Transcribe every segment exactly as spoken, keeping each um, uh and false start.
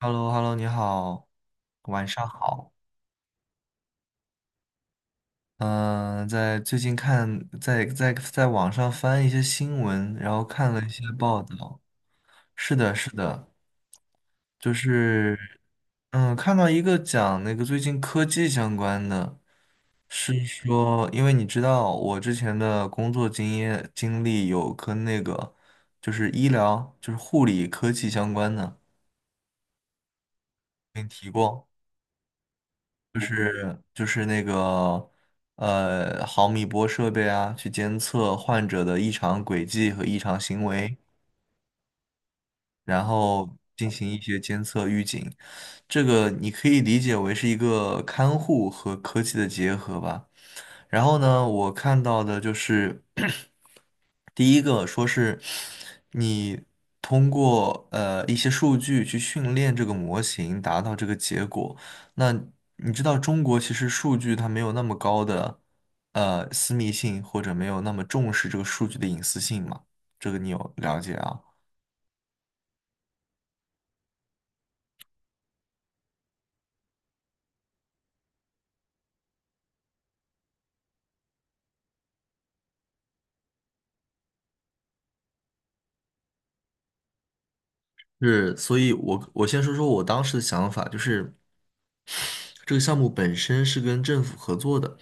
h e l l o h e l l o 你好，晚上好。嗯、在最近看，在在在网上翻一些新闻，然后看了一些报道。是的，是的，就是，嗯，看到一个讲那个最近科技相关的，是说，因为你知道我之前的工作经验经历有跟那个就是医疗，就是护理科技相关的，跟你提过。就是。就是那个呃毫米波设备啊，去监测患者的异常轨迹和异常行为，然后进行一些监测预警。这个你可以理解为是一个看护和科技的结合吧。然后呢，我看到的就是 第一个说是你通过呃一些数据去训练这个模型，达到这个结果。那你知道中国其实数据它没有那么高的呃私密性，或者没有那么重视这个数据的隐私性嘛？这个你有了解啊？是，所以我我先说说我当时的想法，就是这个项目本身是跟政府合作的。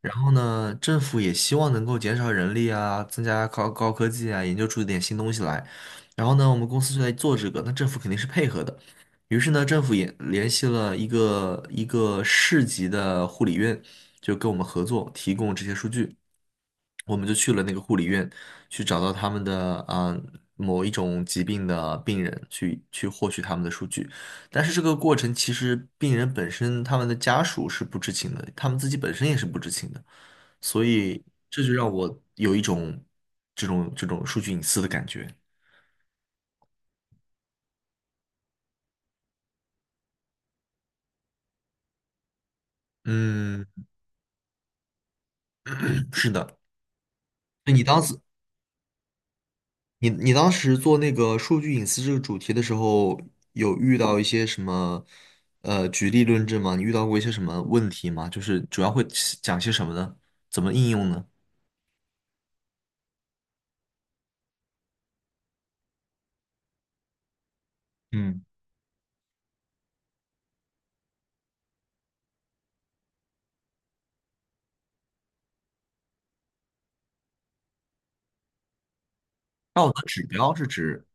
然后呢，政府也希望能够减少人力啊，增加高高科技啊，研究出一点新东西来。然后呢，我们公司就在做这个，那政府肯定是配合的。于是呢，政府也联系了一个一个市级的护理院，就跟我们合作，提供这些数据。我们就去了那个护理院，去找到他们的啊、某一种疾病的病人，去去获取他们的数据。但是这个过程其实病人本身他们的家属是不知情的，他们自己本身也是不知情的，所以这就让我有一种这种这种数据隐私的感觉。嗯，是的。那你当时你你当时做那个数据隐私这个主题的时候，有遇到一些什么呃举例论证吗？你遇到过一些什么问题吗？就是主要会讲些什么呢？怎么应用呢？嗯道德指标是指？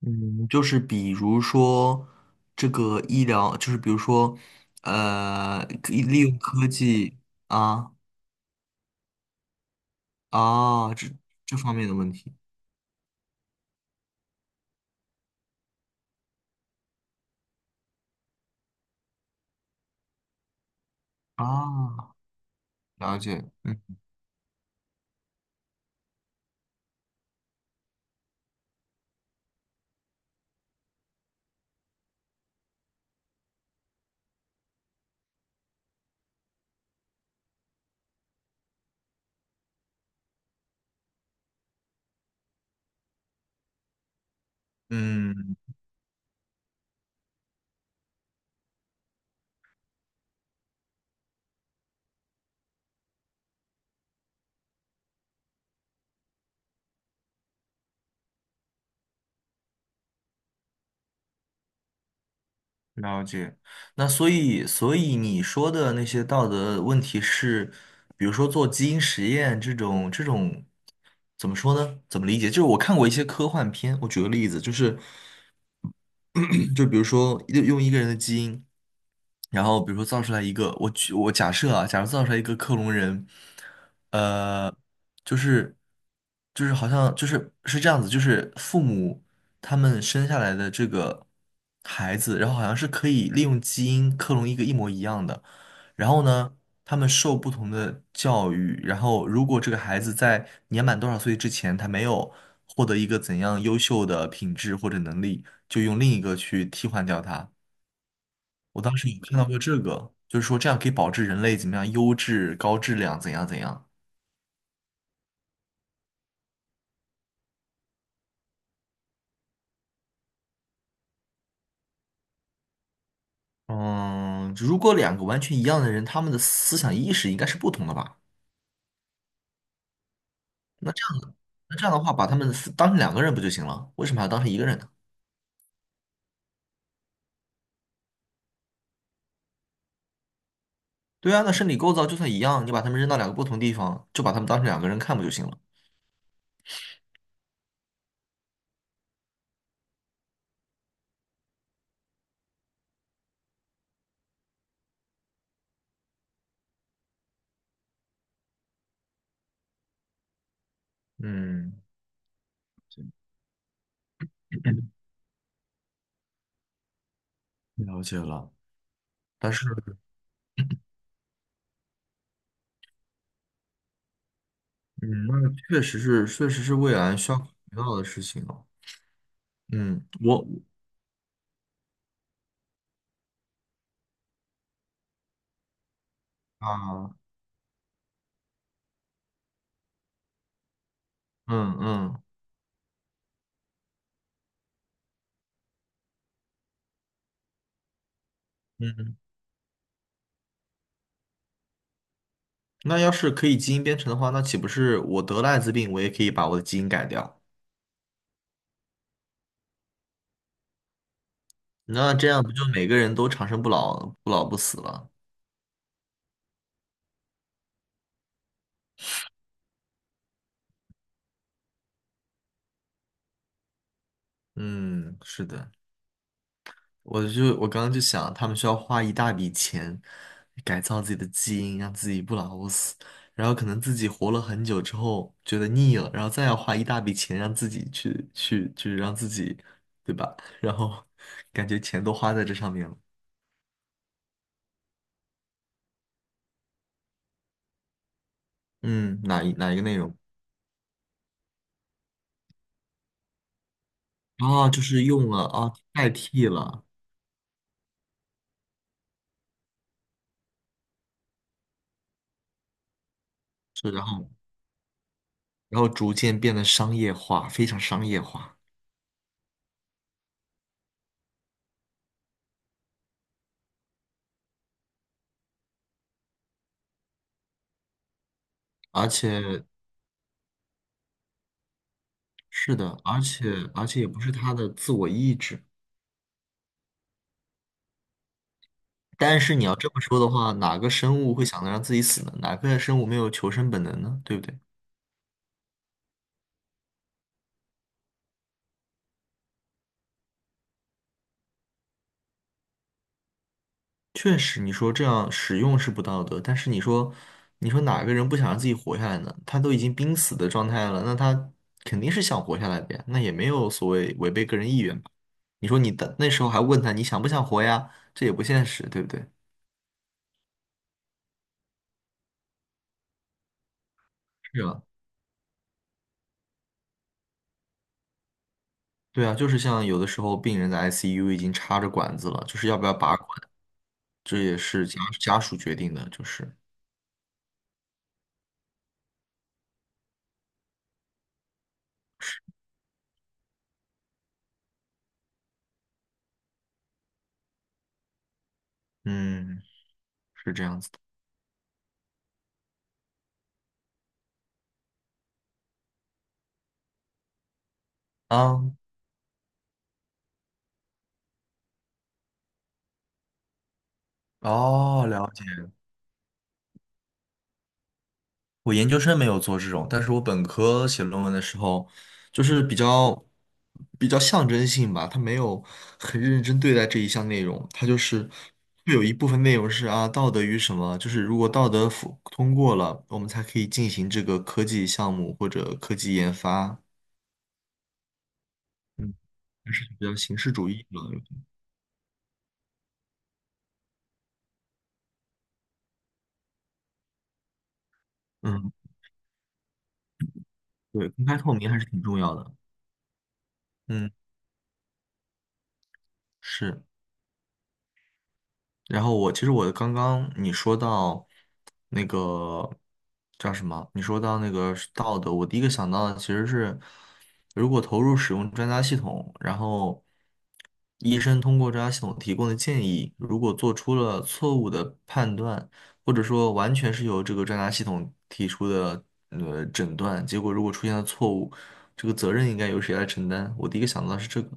嗯，就是比如说这个医疗，就是比如说，呃，可以利用科技啊啊，这这方面的问题啊，了解，嗯嗯，了解。那所以，所以你说的那些道德问题是，比如说做基因实验这种，这种怎么说呢？怎么理解？就是我看过一些科幻片，我举个例子，就是。就比如说用用一个人的基因，然后比如说造出来一个，我举我假设啊，假如造出来一个克隆人，呃，就是就是好像就是是这样子，就是父母他们生下来的这个孩子，然后好像是可以利用基因克隆一个一模一样的，然后呢？他们受不同的教育，然后如果这个孩子在年满多少岁之前，他没有获得一个怎样优秀的品质或者能力，就用另一个去替换掉他。我当时有看到过这个，就是说这样可以保证人类怎么样优质、高质量，怎样怎样。嗯，如果两个完全一样的人，他们的思想意识应该是不同的吧？那这样的话，把他们分当成两个人不就行了？为什么还要当成一个人呢？对啊，那生理构造就算一样，你把他们扔到两个不同地方，就把他们当成两个人看不就行了？嗯。了解了，但是，嗯，那个确实是，确实是未来需要考虑到的事情哦。嗯，我啊，嗯嗯嗯，那要是可以基因编程的话，那岂不是我得了艾滋病，我也可以把我的基因改掉？那这样不就每个人都长生不老、不老不死了？嗯，是的。我就我刚刚就想，他们需要花一大笔钱改造自己的基因，让自己不老不死，然后可能自己活了很久之后觉得腻了，然后再要花一大笔钱让自己去去去让自己，对吧？然后感觉钱都花在这上面了。嗯，哪一哪一个内容？啊，就是用了啊，代替了，是然后然后逐渐变得商业化，非常商业化，而且是的，而且而且也不是他的自我意志。但是你要这么说的话，哪个生物会想着让自己死呢？哪个生物没有求生本能呢？对不对？确实，你说这样使用是不道德，但是你说，你说哪个人不想让自己活下来呢？他都已经濒死的状态了，那他肯定是想活下来的呀，那也没有所谓违背个人意愿吧？你说你的那时候还问他你想不想活呀？这也不现实，对不对？是啊，对啊，就是像有的时候病人的 I C U 已经插着管子了，就是要不要拔管，这也是家家属决定的，就是嗯。是这样子的。啊，哦，了解。我研究生没有做这种，但是我本科写论文的时候，就是比较比较象征性吧，他没有很认真对待这一项内容，他就是会有一部分内容是啊，道德与什么，就是如果道德符通过了，我们才可以进行这个科技项目或者科技研发。嗯，还是比较形式主义嘛。嗯，对，公开透明还是挺重要的。嗯，是。然后我其实我刚刚你说到那个叫什么？你说到那个是道德，我第一个想到的其实是，如果投入使用专家系统，然后医生通过专家系统提供的建议，如果做出了错误的判断，或者说完全是由这个专家系统提出的呃诊断，结果如果出现了错误，这个责任应该由谁来承担？我第一个想到的是这个。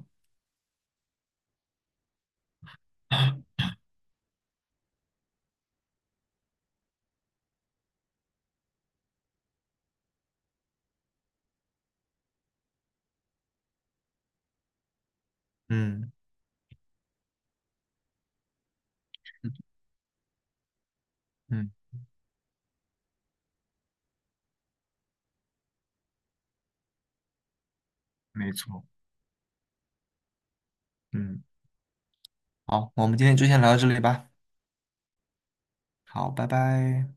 嗯嗯，没错。嗯。好，我们今天就先聊到这里吧。好，拜拜。